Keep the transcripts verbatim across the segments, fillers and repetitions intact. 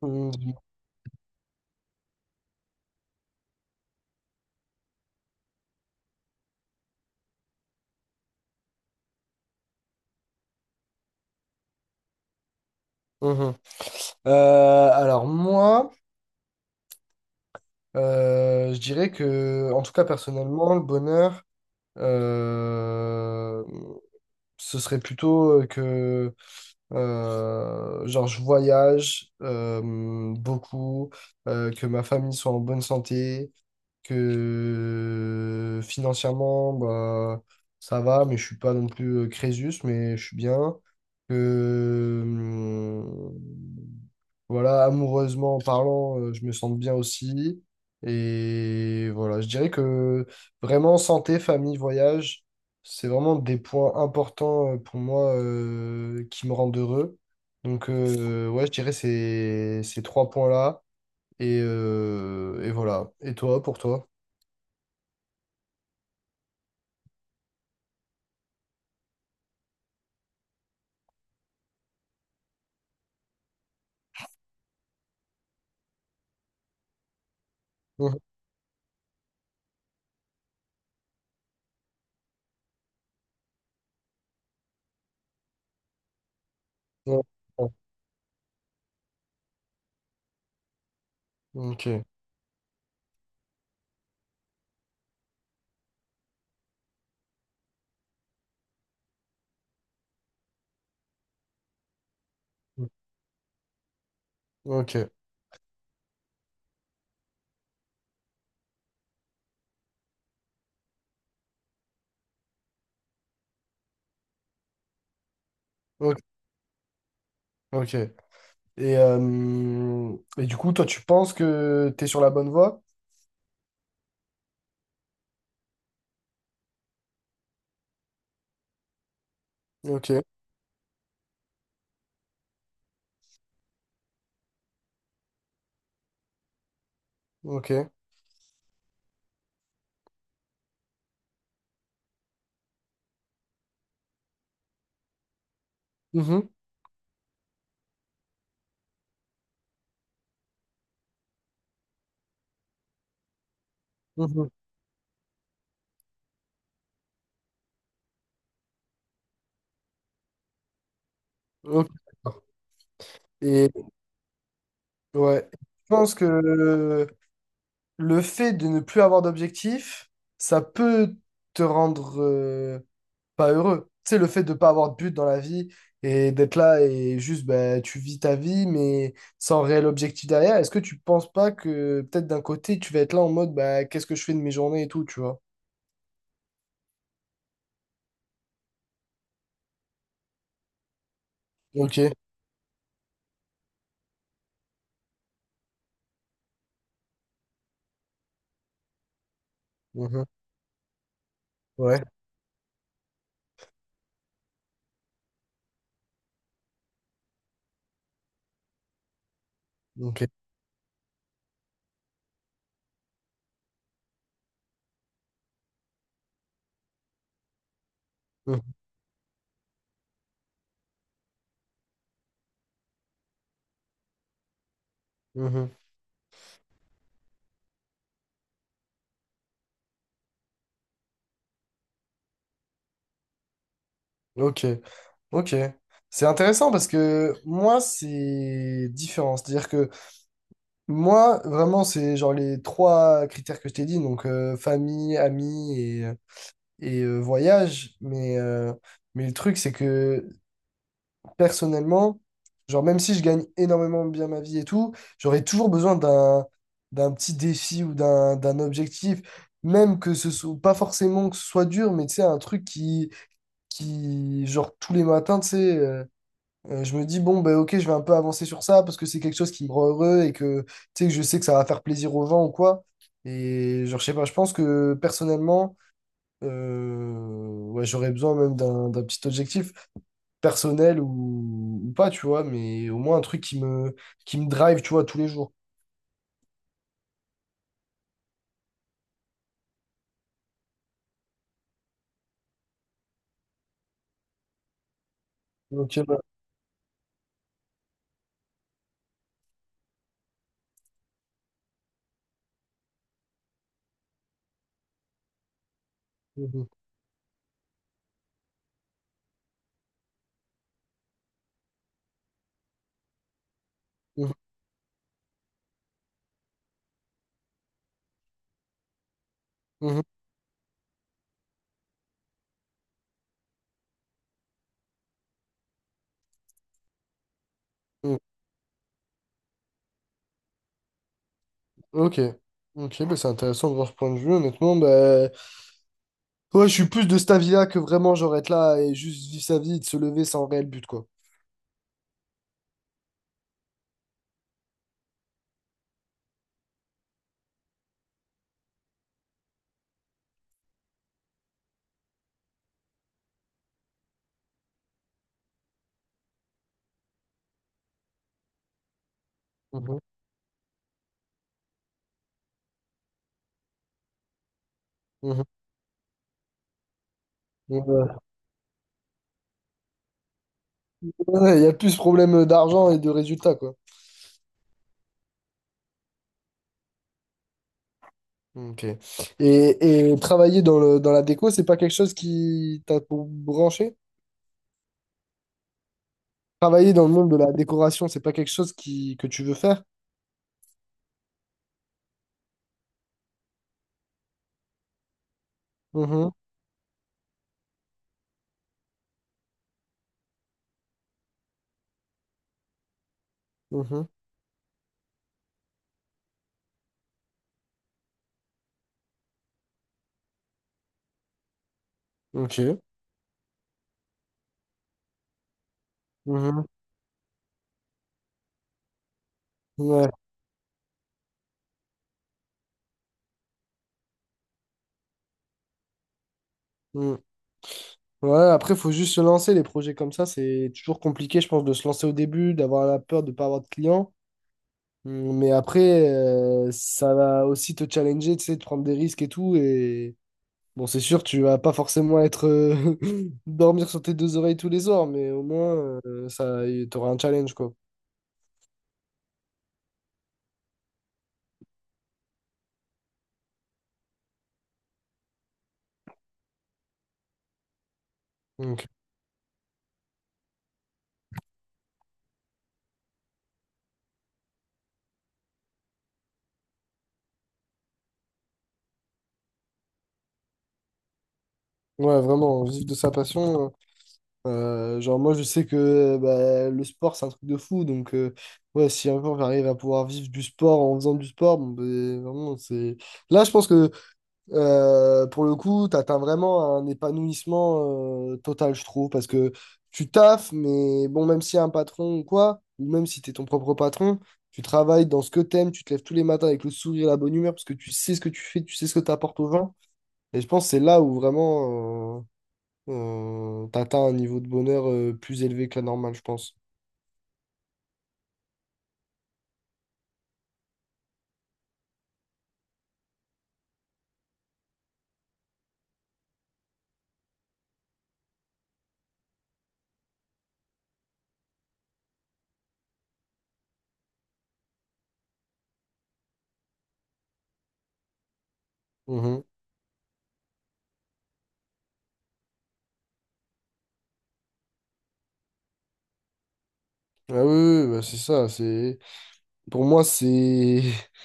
Mhm. Mhm. Euh, alors moi, euh, je dirais que, en tout cas personnellement, le bonheur, euh, ce serait plutôt euh, que, euh, genre, je voyage euh, beaucoup, euh, que ma famille soit en bonne santé, que financièrement, bah, ça va, mais je suis pas non plus euh, Crésus, mais je suis bien, que voilà, amoureusement parlant, euh, je me sens bien aussi. Et voilà, je dirais que vraiment santé, famille, voyage, c'est vraiment des points importants euh, pour moi euh, qui me rendent heureux. Donc euh, ouais, je dirais ces, ces trois points-là. Et, euh, et voilà. Et toi, pour toi? Mhm. Ouais. Ok. Ok. Ok. Ok. Et, euh, et du coup, toi, tu penses que tu es sur la bonne voie? Ok. Ok. Mhm. Mhm. Ok, d'accord. Et ouais, je pense que le fait de ne plus avoir d'objectif, ça peut te rendre euh, pas heureux. Tu sais, le fait de pas avoir de but dans la vie et d'être là et juste ben, tu vis ta vie, mais sans réel objectif derrière, est-ce que tu penses pas que peut-être d'un côté tu vas être là en mode bah, qu'est-ce que je fais de mes journées et tout, tu vois? Ok. Mhm. Ouais. Ok. Mhm. Mhm. Ok, ok. C'est intéressant parce que moi, c'est différent. C'est-à-dire que moi, vraiment, c'est genre les trois critères que je t'ai dit, donc euh, famille, amis et, euh, et euh, voyage. Mais, euh, mais le truc, c'est que personnellement, genre même si je gagne énormément bien ma vie et tout, j'aurais toujours besoin d'un d'un petit défi ou d'un d'un objectif, même que ce soit pas forcément que ce soit dur, mais tu sais, un truc qui, qui genre tous les matins, tu sais. Euh, euh, je me dis, bon, ben, ok, je vais un peu avancer sur ça parce que c'est quelque chose qui me rend heureux et que, tu sais, que je sais que ça va faire plaisir aux gens ou quoi. Et genre, je sais pas, je pense que personnellement, euh, ouais, j'aurais besoin même d'un d'un petit objectif personnel ou, ou pas, tu vois, mais au moins un truc qui me, qui me drive, tu vois, tous les jours. Ok, bah, mhm, mhm, mhm, mhm. Ok, ok, bah, c'est intéressant de voir ce point de vue, honnêtement. Bah, ouais, je suis plus de cet avis-là que vraiment, genre, être là et juste vivre sa vie et de se lever sans réel but, quoi. Mmh. Mhm. Ouais, ouais, il y a plus problème d'argent et de résultats, quoi. Ok. Et, et travailler dans le, dans la déco, c'est pas quelque chose qui t'a pour branché? Travailler dans le monde de la décoration, c'est pas quelque chose qui, que tu veux faire? Mhm, mhm. Ok. Mhm. Ouais. Mm. Ouais, après, il faut juste se lancer. Les projets comme ça, c'est toujours compliqué, je pense, de se lancer au début, d'avoir la peur de ne pas avoir de clients. Mm, mais après, euh, ça va aussi te challenger, tu sais, de prendre des risques et tout. Et bon, c'est sûr, tu vas pas forcément être euh, dormir sur tes deux oreilles tous les soirs, mais au moins euh, ça, y- t'auras un challenge quoi. Donc, ouais, vraiment, vivre de sa passion. Euh, genre moi, je sais que euh, bah, le sport c'est un truc de fou, donc euh, ouais, si un jour j'arrive à pouvoir vivre du sport en faisant du sport, bon, ben, vraiment c'est. Là, je pense que Euh, pour le coup, tu atteins vraiment un épanouissement euh, total, je trouve, parce que tu taffes, mais bon, même si y a un patron ou quoi, ou même si tu es ton propre patron, tu travailles dans ce que t'aimes, tu te lèves tous les matins avec le sourire et la bonne humeur, parce que tu sais ce que tu fais, tu sais ce que tu apportes aux gens. Et je pense que c'est là où vraiment euh, tu atteins un niveau de bonheur euh, plus élevé que la normale, je pense. Mhm. Ah oui, oui, oui, bah c'est ça. C'est… Pour moi, c'est…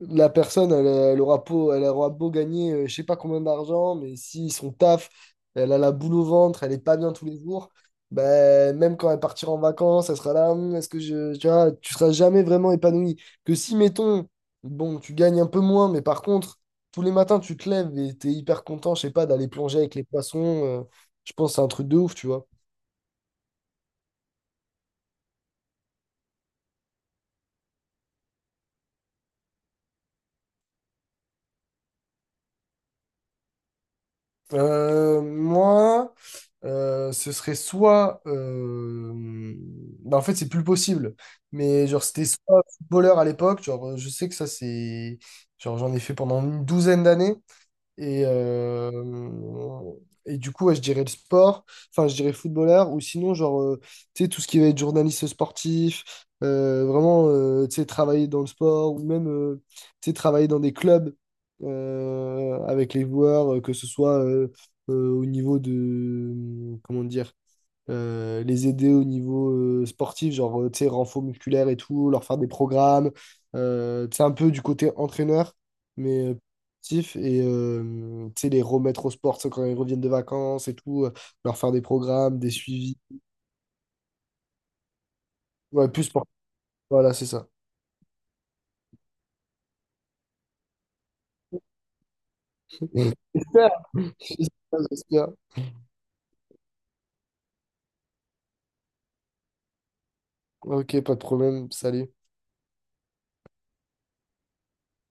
la personne, elle, elle aura beau, elle aura beau gagner, euh, je sais pas combien d'argent, mais si son taf, elle a la boule au ventre, elle est pas bien tous les jours, ben, même quand elle partira en vacances, elle sera là, hum, est-ce que je, tu vois, tu seras jamais vraiment épanoui. Que si, mettons, bon, tu gagnes un peu moins, mais par contre, tous les matins, tu te lèves et t'es hyper content, je sais pas, d'aller plonger avec les poissons, euh, je pense que c'est un truc de ouf, tu vois. Euh, moi, euh, ce serait soit. Euh, bah, en fait, c'est plus possible. Mais genre, c'était soit footballeur à l'époque. Genre, euh, je sais que ça, c'est. Genre, j'en ai fait pendant une douzaine d'années. Et, euh, et du coup, ouais, je dirais le sport, enfin, je dirais footballeur, ou sinon, genre, euh, tu sais, tout ce qui va être journaliste sportif, euh, vraiment, euh, tu sais, travailler dans le sport, ou même, euh, tu sais, travailler dans des clubs euh, avec les joueurs, euh, que ce soit euh, euh, au niveau de, comment dire, euh, les aider au niveau euh, sportif, genre, euh, tu sais, renfort musculaire et tout, leur faire des programmes, euh, tu sais, un peu du côté entraîneur, mais euh, sportif, et euh, tu sais, les remettre au sport, tu sais, quand ils reviennent de vacances et tout, euh, leur faire des programmes, des suivis. Ouais, plus sportif, voilà, c'est ça. Super. J'espère, j'espère. Ok, pas de problème, salut.